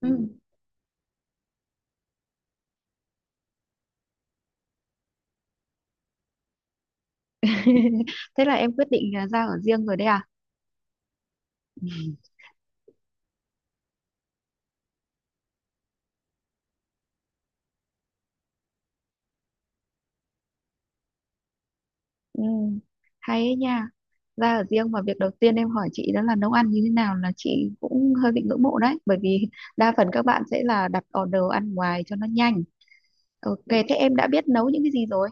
Ừ. Thế là em quyết định là ra ở riêng rồi đấy à? Ừ. Ừ. Hay ấy nha. Ra ở riêng mà việc đầu tiên em hỏi chị đó là nấu ăn như thế nào là chị cũng hơi bị ngưỡng mộ đấy. Bởi vì đa phần các bạn sẽ là đặt order ăn ngoài cho nó nhanh. Ok, thế em đã biết nấu những cái gì rồi?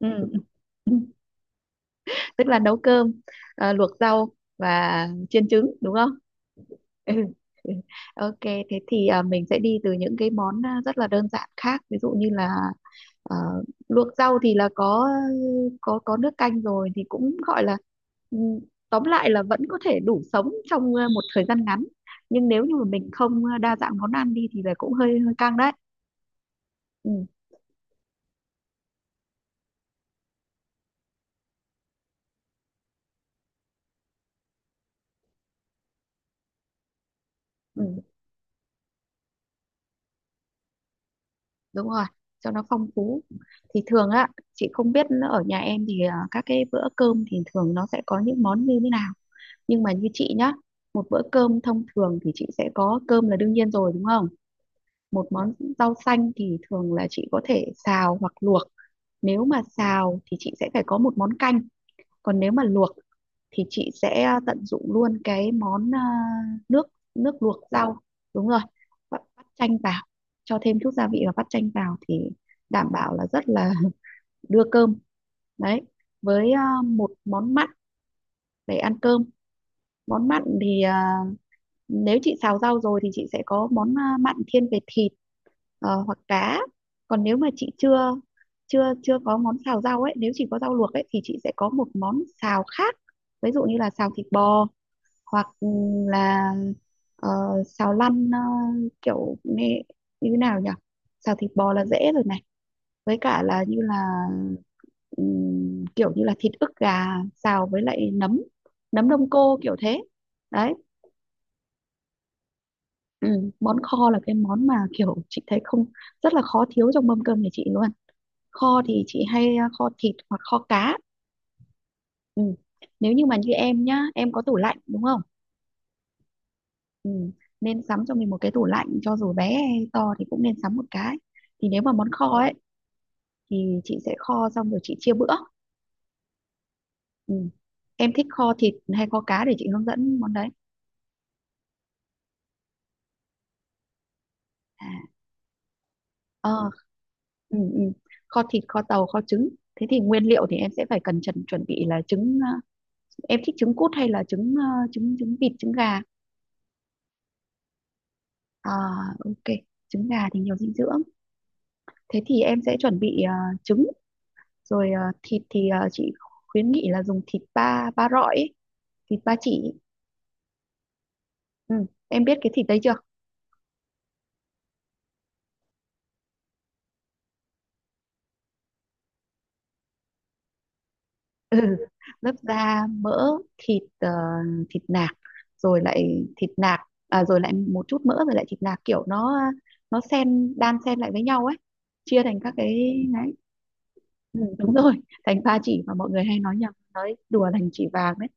Ừ. Tức là nấu cơm, à, luộc rau và chiên trứng đúng không? Ừ. Ừ. Ok, thế thì mình sẽ đi từ những cái món rất là đơn giản khác, ví dụ như là à, luộc rau thì là có nước canh rồi thì cũng gọi là, ừ, tóm lại là vẫn có thể đủ sống trong một thời gian ngắn. Nhưng nếu như mà mình không đa dạng món ăn đi thì là cũng hơi hơi căng đấy. Ừ, ừ, đúng rồi, cho nó phong phú. Thì thường á, chị không biết ở nhà em thì các cái bữa cơm thì thường nó sẽ có những món như thế nào. Nhưng mà như chị nhá, một bữa cơm thông thường thì chị sẽ có cơm là đương nhiên rồi đúng không, một món rau xanh thì thường là chị có thể xào hoặc luộc. Nếu mà xào thì chị sẽ phải có một món canh, còn nếu mà luộc thì chị sẽ tận dụng luôn cái món, nước nước luộc rau. Đúng rồi, bắt bắt chanh vào, cho thêm chút gia vị và bắt chanh vào thì đảm bảo là rất là đưa cơm. Đấy, với một món mặn để ăn cơm. Món mặn thì, nếu chị xào rau rồi thì chị sẽ có món mặn thiên về thịt, hoặc cá. Còn nếu mà chị chưa chưa chưa có món xào rau ấy, nếu chỉ có rau luộc ấy thì chị sẽ có một món xào khác, ví dụ như là xào thịt bò hoặc là ờ, xào lăn, kiểu như thế nào nhỉ. Xào thịt bò là dễ rồi này, với cả là như là kiểu như là thịt ức gà xào với lại nấm nấm đông cô kiểu thế. Đấy. Ừ. Món kho là cái món mà kiểu chị thấy không, rất là khó thiếu trong mâm cơm nhà chị luôn. Kho thì chị hay kho thịt hoặc kho cá. Ừ. Nếu như mà như em nhá, em có tủ lạnh đúng không. Ừ. Nên sắm cho mình một cái tủ lạnh, cho dù bé hay to thì cũng nên sắm một cái. Thì nếu mà món kho ấy thì chị sẽ kho xong rồi chị chia bữa. Ừ. Em thích kho thịt hay kho cá để chị hướng dẫn món đấy. à ờ ừ, ừ. Kho thịt kho tàu kho trứng. Thế thì nguyên liệu thì em sẽ phải cần chuẩn chuẩn bị là trứng. Ờ, em thích trứng cút hay là trứng, trứng vịt trứng gà. à ok, trứng gà thì nhiều dinh dưỡng. Thế thì em sẽ chuẩn bị trứng, rồi thịt thì, chị khuyến nghị là dùng thịt ba ba rọi ấy, thịt ba chỉ. Ừ. Em biết cái thịt đấy chưa. Ừ, lớp da mỡ, thịt ờ, thịt nạc, rồi lại thịt nạc, rồi lại một chút mỡ, rồi lại thịt nạc, kiểu nó xen, đan xen lại với nhau ấy, chia thành các cái đấy. Ừ, đúng rồi. Thành ba chỉ mà mọi người hay nói nhầm nói đùa thành chỉ vàng đấy.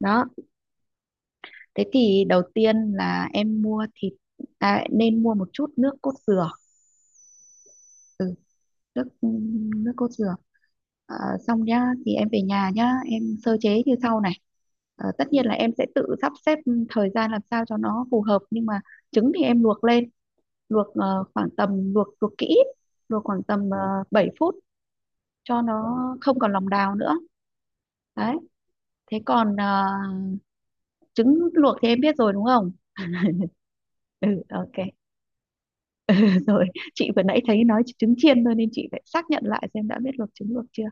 Đó, thế thì đầu tiên là em mua thịt, nên mua một chút nước cốt dừa. Ừ, nước nước cốt dừa. Ờ, Xong nhá, thì em về nhà nhá, em sơ chế như sau này. Ờ, tất nhiên là em sẽ tự sắp xếp thời gian làm sao cho nó phù hợp, nhưng mà trứng thì em luộc lên, luộc, khoảng tầm, luộc luộc kỹ, luộc khoảng tầm 7 phút cho nó không còn lòng đào nữa. Đấy. Thế còn trứng luộc thì em biết rồi đúng không. Ừ, ok. Rồi, chị vừa nãy thấy nói trứng chiên thôi nên chị phải xác nhận lại xem đã biết luộc trứng luộc chưa.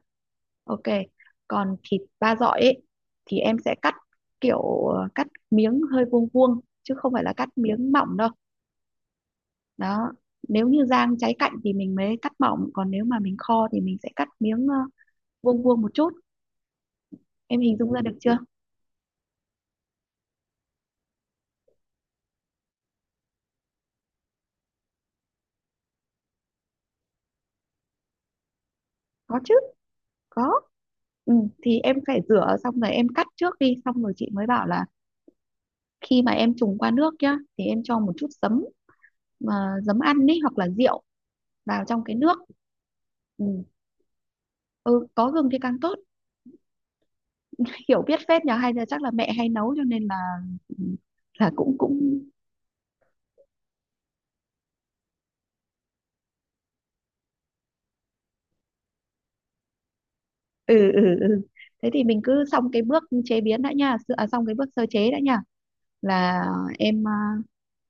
Ok, còn thịt ba dọi ấy thì em sẽ cắt kiểu, cắt miếng hơi vuông vuông chứ không phải là cắt miếng mỏng đâu. Đó, nếu như rang cháy cạnh thì mình mới cắt mỏng, còn nếu mà mình kho thì mình sẽ cắt miếng vuông vuông một chút. Em hình dung ra được chưa? Có chứ, có. Ừ, thì em phải rửa xong rồi em cắt trước đi, xong rồi chị mới bảo là khi mà em trùng qua nước nhá thì em cho một chút ờ, giấm ăn ấy, hoặc là rượu vào trong cái nước. Ừ, ừ có gừng thì càng tốt. Hiểu biết phết nhờ, hay là chắc là mẹ hay nấu cho nên là cũng cũng. Ừ, ừ, ừ. Thế thì mình cứ xong cái bước chế biến đã nha, xong cái bước sơ chế đã nha, là em,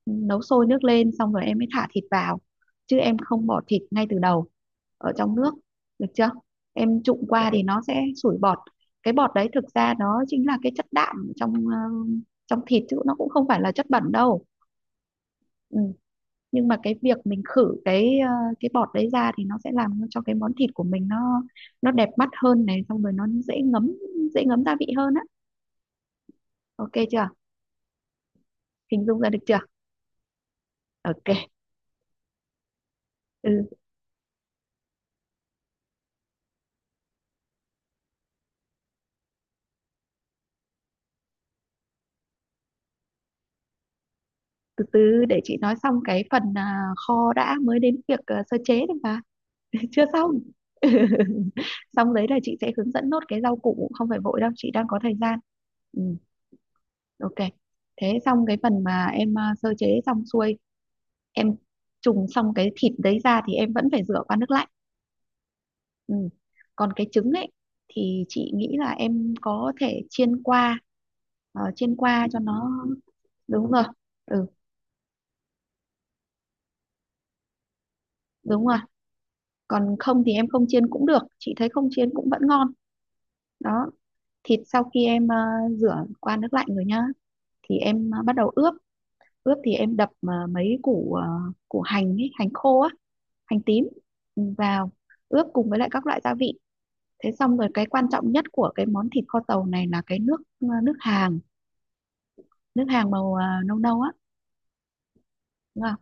nấu sôi nước lên xong rồi em mới thả thịt vào, chứ em không bỏ thịt ngay từ đầu ở trong nước. Được chưa. Em trụng qua dạ thì nó sẽ sủi bọt. Cái bọt đấy thực ra nó chính là cái chất đạm trong thịt, chứ nó cũng không phải là chất bẩn đâu. Ừ. Nhưng mà cái việc mình khử cái bọt đấy ra thì nó sẽ làm cho cái món thịt của mình nó đẹp mắt hơn này, xong rồi nó dễ ngấm gia vị hơn á. Ok chưa, hình dung ra được chưa. Ok. Ừ, từ từ để chị nói xong cái phần kho đã mới đến việc sơ chế được mà. Chưa xong. Xong đấy là chị sẽ hướng dẫn nốt cái rau củ, không phải vội đâu, chị đang có thời gian. Ừ. Ok. Thế xong cái phần mà em, sơ chế xong xuôi, em trùng xong cái thịt đấy ra thì em vẫn phải rửa qua nước lạnh. Ừ. Còn cái trứng ấy thì chị nghĩ là em có thể chiên qua cho nó, đúng rồi. Ừ đúng rồi, còn không thì em không chiên cũng được, chị thấy không chiên cũng vẫn ngon. Đó. Thịt sau khi em, rửa qua nước lạnh rồi nhá, thì em, bắt đầu ướp. Ướp thì em đập, mấy củ, củ hành ấy, hành khô á, hành tím vào, ướp cùng với lại các loại gia vị. Thế xong rồi, cái quan trọng nhất của cái món thịt kho tàu này là cái nước hàng nước hàng màu nâu nâu á, đúng không?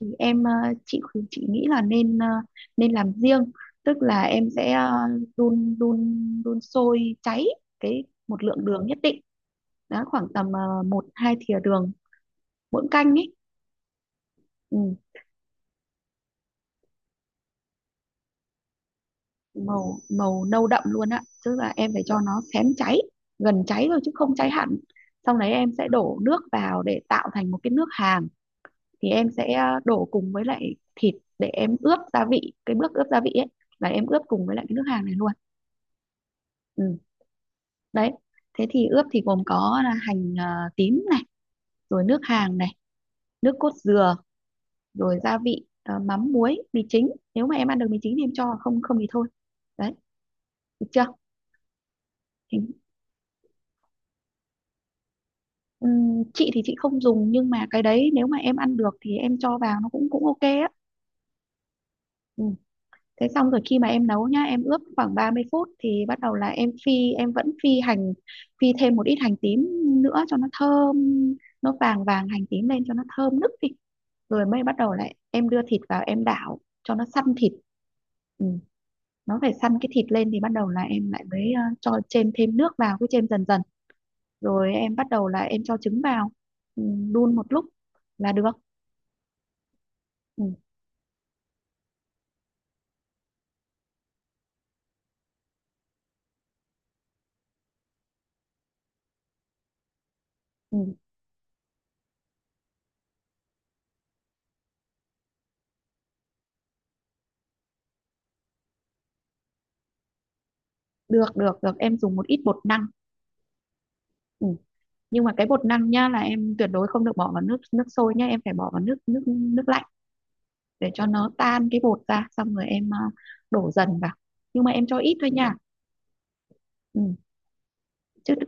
Thì em, chị nghĩ là nên, nên làm riêng. Tức là em sẽ, đun đun đun sôi cháy cái, một lượng đường nhất định. Đó, khoảng tầm một hai thìa đường mỗi canh ấy. Ừ. màu màu nâu đậm luôn ạ, tức là em phải cho nó xém cháy, gần cháy thôi chứ không cháy hẳn. Xong đấy em sẽ đổ nước vào để tạo thành một cái nước hàm. Thì em sẽ, đổ cùng với lại thịt để em ướp gia vị, cái bước ướp gia vị ấy là em ướp cùng với lại cái nước hàm này luôn. Ừ. Đấy. Thế thì ướp thì gồm có là hành, tím này, rồi nước hàng này, nước cốt dừa, rồi gia vị, mắm muối mì chính, nếu mà em ăn được mì chính thì em cho, không không thì thôi. Đấy, được chưa, hình chị thì chị không dùng, nhưng mà cái đấy nếu mà em ăn được thì em cho vào nó cũng cũng ok á. Ừ. Thế xong rồi, khi mà em nấu nhá, em ướp khoảng 30 phút thì bắt đầu là em phi em vẫn phi hành, phi thêm một ít hành tím nữa cho nó thơm, nó vàng vàng hành tím lên cho nó thơm nức đi, rồi mới bắt đầu lại em đưa thịt vào em đảo cho nó săn thịt. Ừ. Nó phải săn cái thịt lên thì bắt đầu là em lại mới, cho chêm thêm nước vào, cứ chêm dần dần, rồi em bắt đầu là em cho trứng vào, ừ, đun một lúc là được. Ừ, ừ, được, được, được, em dùng một ít bột năng. Ừ. Nhưng mà cái bột năng nhá, là em tuyệt đối không được bỏ vào nước nước sôi nhá, em phải bỏ vào nước nước nước lạnh, để cho nó tan cái bột ra, xong rồi em, đổ dần vào. Nhưng mà em cho ít thôi nha. Ừ. chứ đ-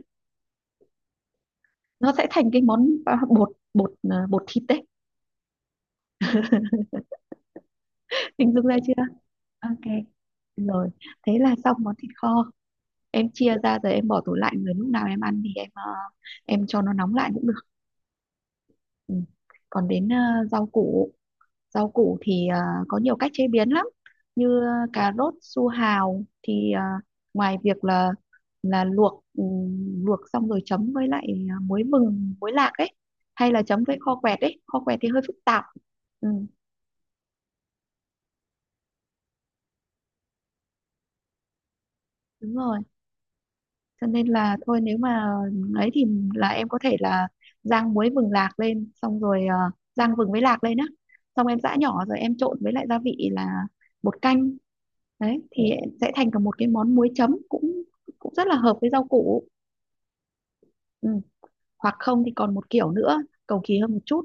nó sẽ thành cái món, bột bột à, bột thịt đấy. Hình dung ra chưa. Ok. Rồi, thế là xong món thịt kho, em chia ra rồi em bỏ tủ lạnh, rồi lúc nào em ăn thì em cho nó nóng lại cũng được. Ừ. Còn đến, Rau củ thì, có nhiều cách chế biến lắm. Như, cà rốt su hào thì, ngoài việc là luộc xong rồi chấm với lại, muối vừng muối lạc ấy, hay là chấm với kho quẹt ấy, kho quẹt thì hơi phức tạp. Ừ, đúng rồi, cho nên là thôi nếu mà ấy thì, là em có thể là rang muối vừng lạc lên, xong rồi, rang vừng với lạc lên á, xong em giã nhỏ rồi em trộn với lại gia vị là bột canh. Đấy thì sẽ thành cả một cái món muối chấm cũng cũng rất là hợp với rau củ. Ừ. Hoặc không thì còn một kiểu nữa cầu kỳ hơn một chút,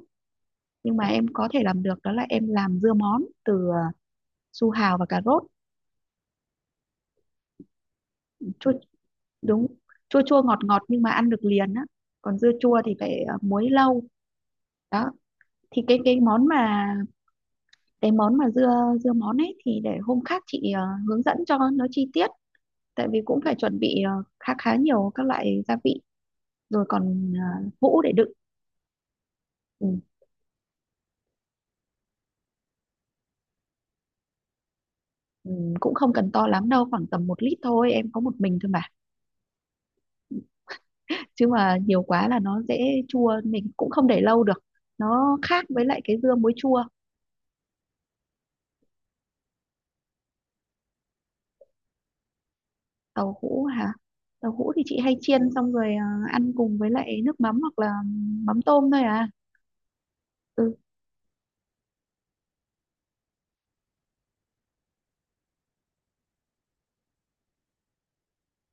nhưng mà em có thể làm được, đó là em làm dưa món từ, su hào và cà rốt. Chua, đúng, chua chua ngọt ngọt, nhưng mà ăn được liền á, còn dưa chua thì phải, muối lâu. Đó, thì cái món mà cái món mà dưa dưa món ấy, thì để hôm khác chị, hướng dẫn cho nó chi tiết, tại vì cũng phải chuẩn bị, khá khá nhiều các loại gia vị, rồi còn, hũ để đựng. Ừ, ừ, cũng không cần to lắm đâu, khoảng tầm 1 lít thôi, em có một mình thôi mà, chứ mà nhiều quá là nó dễ chua, mình cũng không để lâu được, nó khác với lại cái dưa muối chua. Tàu hũ hả? Tàu hũ thì chị hay chiên, xong rồi, ăn cùng với lại nước mắm, hoặc là mắm tôm thôi à. Ừ.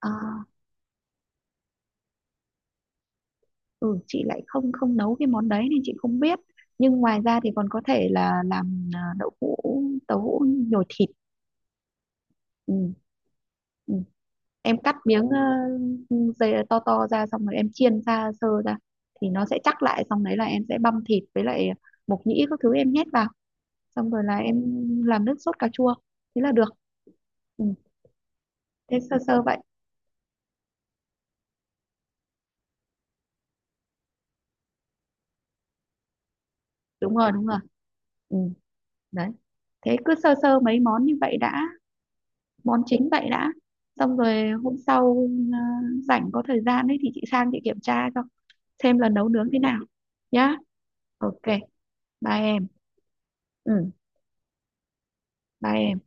ờ ừ, chị lại không không nấu cái món đấy nên chị không biết. Nhưng ngoài ra thì còn có thể là làm, đậu hũ tàu hũ nhồi thịt. Ừ. Ừ. Em cắt miếng dây to to ra, xong rồi em chiên ra sơ ra thì nó sẽ chắc lại, xong đấy là em sẽ băm thịt với lại mộc nhĩ các thứ em nhét vào, xong rồi là em làm nước sốt cà chua, thế là được. Ừ. Thế sơ sơ vậy. Đúng rồi, đúng rồi. Ừ. Đấy, thế cứ sơ sơ mấy món như vậy đã, món chính vậy đã. Xong rồi hôm sau, à, rảnh có thời gian ấy thì chị sang chị kiểm tra cho, xem lần nấu nướng thế nào nhá. Ok, bye em. Ừ, bye em.